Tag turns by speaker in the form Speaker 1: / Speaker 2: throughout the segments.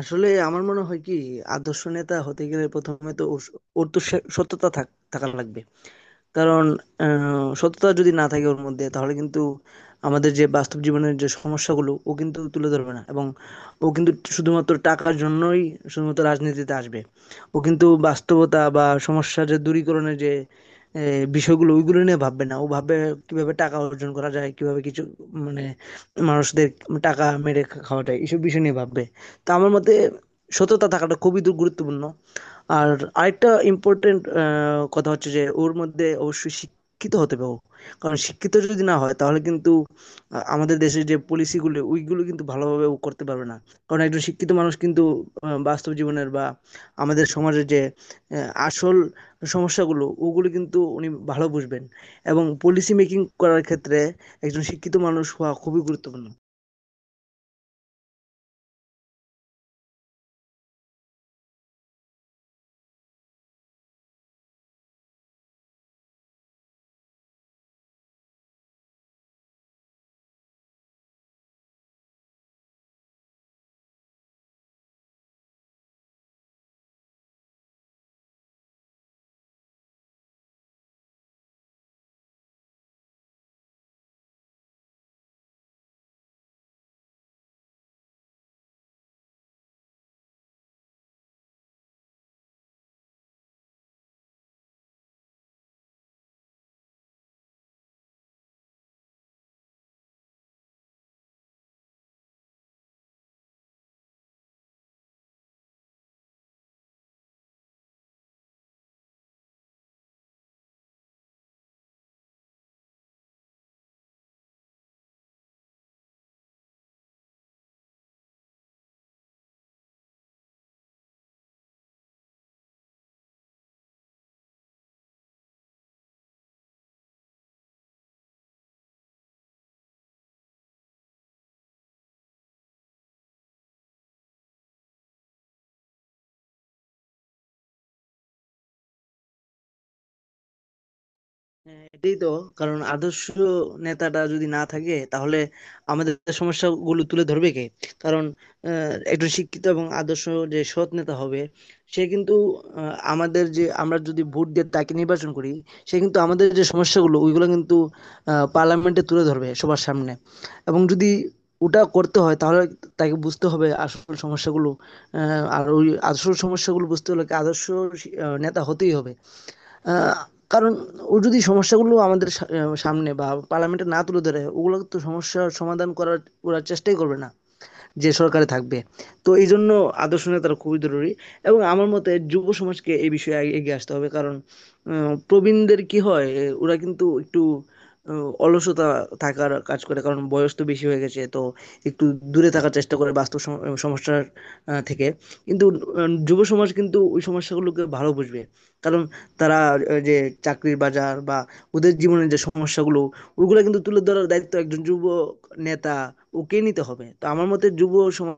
Speaker 1: আসলে আমার মনে হয় কি আদর্শ নেতা হতে গেলে প্রথমে তো ওর ওর তো সততা থাকা লাগবে। কারণ সততা যদি না থাকে ওর মধ্যে তাহলে কিন্তু আমাদের যে বাস্তব জীবনের যে সমস্যাগুলো ও কিন্তু তুলে ধরবে না এবং ও কিন্তু শুধুমাত্র টাকার জন্যই শুধুমাত্র রাজনীতিতে আসবে। ও কিন্তু বাস্তবতা বা সমস্যার যে দূরীকরণের যে এ, বিষয়গুলো ওইগুলো নিয়ে ভাববে না, ও ভাববে কিভাবে টাকা অর্জন করা যায়, কিভাবে কিছু মানে মানুষদের টাকা মেরে খাওয়া যায় এইসব বিষয় নিয়ে ভাববে। তো আমার মতে সততা থাকাটা খুবই গুরুত্বপূর্ণ। আর আরেকটা ইম্পর্টেন্ট কথা হচ্ছে যে ওর মধ্যে অবশ্যই শিক্ষিত হতে হবে ও। কারণ শিক্ষিত যদি না হয় তাহলে কিন্তু আমাদের দেশের যে পলিসিগুলো ওইগুলো কিন্তু ভালোভাবে ও করতে পারবে না। কারণ একজন শিক্ষিত মানুষ কিন্তু বাস্তব জীবনের বা আমাদের সমাজের যে আসল সমস্যাগুলো ওগুলো কিন্তু উনি ভালো বুঝবেন। এবং পলিসি মেকিং করার ক্ষেত্রে একজন শিক্ষিত মানুষ হওয়া খুবই গুরুত্বপূর্ণ। হ্যাঁ, এটাই তো। কারণ আদর্শ নেতাটা যদি না থাকে তাহলে আমাদের সমস্যাগুলো তুলে ধরবে কে? কারণ একজন শিক্ষিত এবং আদর্শ যে সৎ নেতা হবে, সে কিন্তু আমাদের যে আমরা যদি ভোট দিয়ে তাকে নির্বাচন করি, সে কিন্তু আমাদের যে সমস্যাগুলো ওইগুলো কিন্তু পার্লামেন্টে তুলে ধরবে সবার সামনে। এবং যদি ওটা করতে হয় তাহলে তাকে বুঝতে হবে আসল সমস্যাগুলো। আর ওই আসল সমস্যাগুলো বুঝতে হলে কি আদর্শ নেতা হতেই হবে। আহ, কারণ ও যদি সমস্যাগুলো আমাদের সামনে বা পার্লামেন্টে না তুলে ধরে, ওগুলো তো সমস্যার সমাধান করার ওরা চেষ্টাই করবে না, যে সরকারে থাকবে। তো এই জন্য আদর্শ নেতারা খুবই জরুরি। এবং আমার মতে যুব সমাজকে এই বিষয়ে আগে এগিয়ে আসতে হবে। কারণ প্রবীণদের কি হয়, ওরা কিন্তু একটু অলসতা থাকার কাজ করে, কারণ বয়স তো বেশি হয়ে গেছে, তো একটু দূরে থাকার চেষ্টা করে বাস্তব সমস্যার থেকে। কিন্তু যুব সমাজ কিন্তু ওই সমস্যাগুলোকে ভালো বুঝবে। কারণ তারা যে চাকরির বাজার বা ওদের জীবনের যে সমস্যাগুলো ওগুলো কিন্তু তুলে ধরার দায়িত্ব একজন যুব নেতা, ওকে নিতে হবে। তো আমার মতে যুব সমাজ।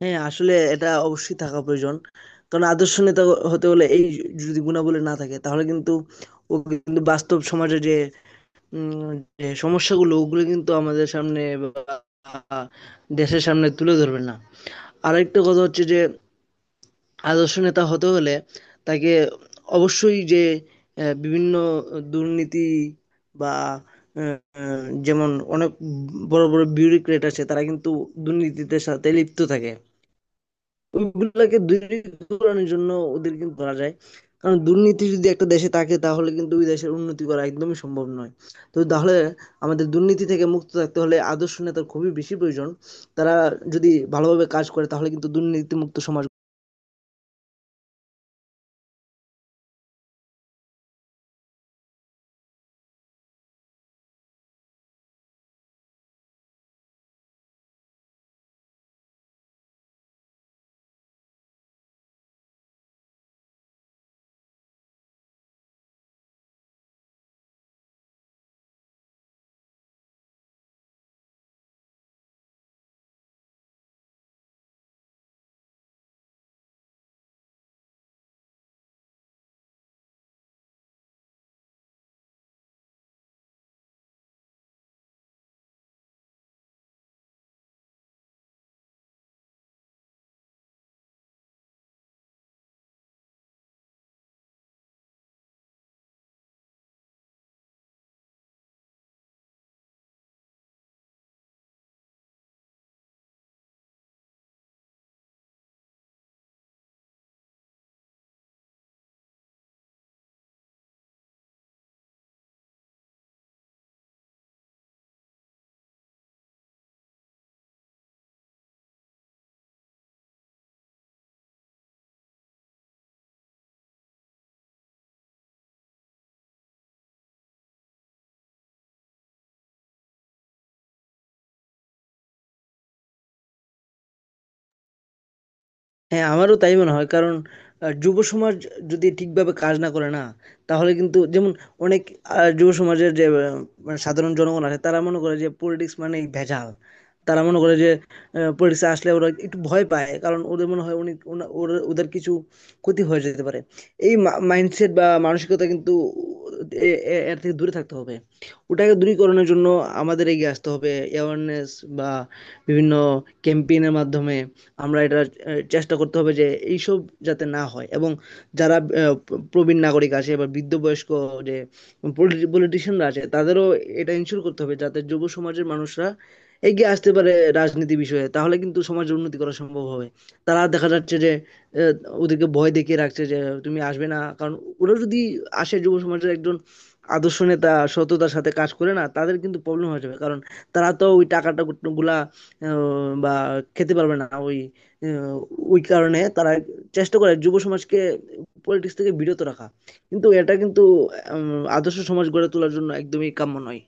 Speaker 1: হ্যাঁ আসলে এটা অবশ্যই থাকা প্রয়োজন। কারণ আদর্শ নেতা হতে হলে এই যদি গুণাবলী না থাকে তাহলে কিন্তু ও কিন্তু বাস্তব সমাজে যে উম, যে সমস্যাগুলো ওগুলো কিন্তু আমাদের সামনে বা দেশের সামনে তুলে ধরবে না। আরেকটা কথা হচ্ছে যে আদর্শ নেতা হতে হলে তাকে অবশ্যই যে বিভিন্ন দুর্নীতি বা যেমন অনেক বড় বড় বিউরোক্রেট আছে তারা কিন্তু দুর্নীতিতে সাথে লিপ্ত থাকে, ওইগুলোকে দূরীকরণের জন্য ওদের কিন্তু ধরা যায়। কারণ দুর্নীতি যদি একটা দেশে থাকে তাহলে কিন্তু ওই দেশের উন্নতি করা একদমই সম্ভব নয়। তো তাহলে আমাদের দুর্নীতি থেকে মুক্ত থাকতে হলে আদর্শ নেতার খুবই বেশি প্রয়োজন। তারা যদি ভালোভাবে কাজ করে তাহলে কিন্তু দুর্নীতি মুক্ত সমাজ। হ্যাঁ, আমারও তাই মনে হয়। কারণ যুব সমাজ যদি ঠিকভাবে কাজ না করে না, তাহলে কিন্তু যেমন অনেক যুব সমাজের যে মানে সাধারণ জনগণ আছে তারা মনে করে যে পলিটিক্স মানেই ভেজাল। তারা মনে করে যে পলিটিক্সে আসলে ওরা একটু ভয় পায়। কারণ ওদের মনে হয় অনেক ওরা, ওদের কিছু ক্ষতি হয়ে যেতে পারে। এই মাইন্ডসেট বা মানসিকতা কিন্তু, এ এ এর থেকে দূরে থাকতে হবে। ওটাকে দূরীকরণের জন্য আমাদের এগিয়ে আসতে হবে। অ্যাওয়ারনেস বা বিভিন্ন ক্যাম্পেইন এর মাধ্যমে আমরা এটা চেষ্টা করতে হবে যে এইসব যাতে না হয়, এবং যারা প্রবীণ নাগরিক আছে বা বৃদ্ধ বয়স্ক যে পলিটিশিয়ানরা আছে তাদেরও এটা ইনশিওর করতে হবে যাতে যুব সমাজের মানুষরা এগিয়ে আসতে পারে রাজনীতি বিষয়ে, তাহলে কিন্তু সমাজের উন্নতি করা সম্ভব হবে। তারা দেখা যাচ্ছে যে আহ, ওদেরকে ভয় দেখিয়ে রাখছে যে তুমি আসবে না, কারণ ওরা যদি আসে যুব সমাজের একজন আদর্শ নেতা সততার সাথে কাজ করে, না তাদের কিন্তু প্রবলেম হয়ে যাবে। কারণ তারা তো ওই টাকাটা গুলা বা খেতে পারবে না ওই, আহ, ওই কারণে তারা চেষ্টা করে যুব সমাজকে পলিটিক্স থেকে বিরত রাখা। কিন্তু এটা কিন্তু আদর্শ সমাজ গড়ে তোলার জন্য একদমই কাম্য নয়।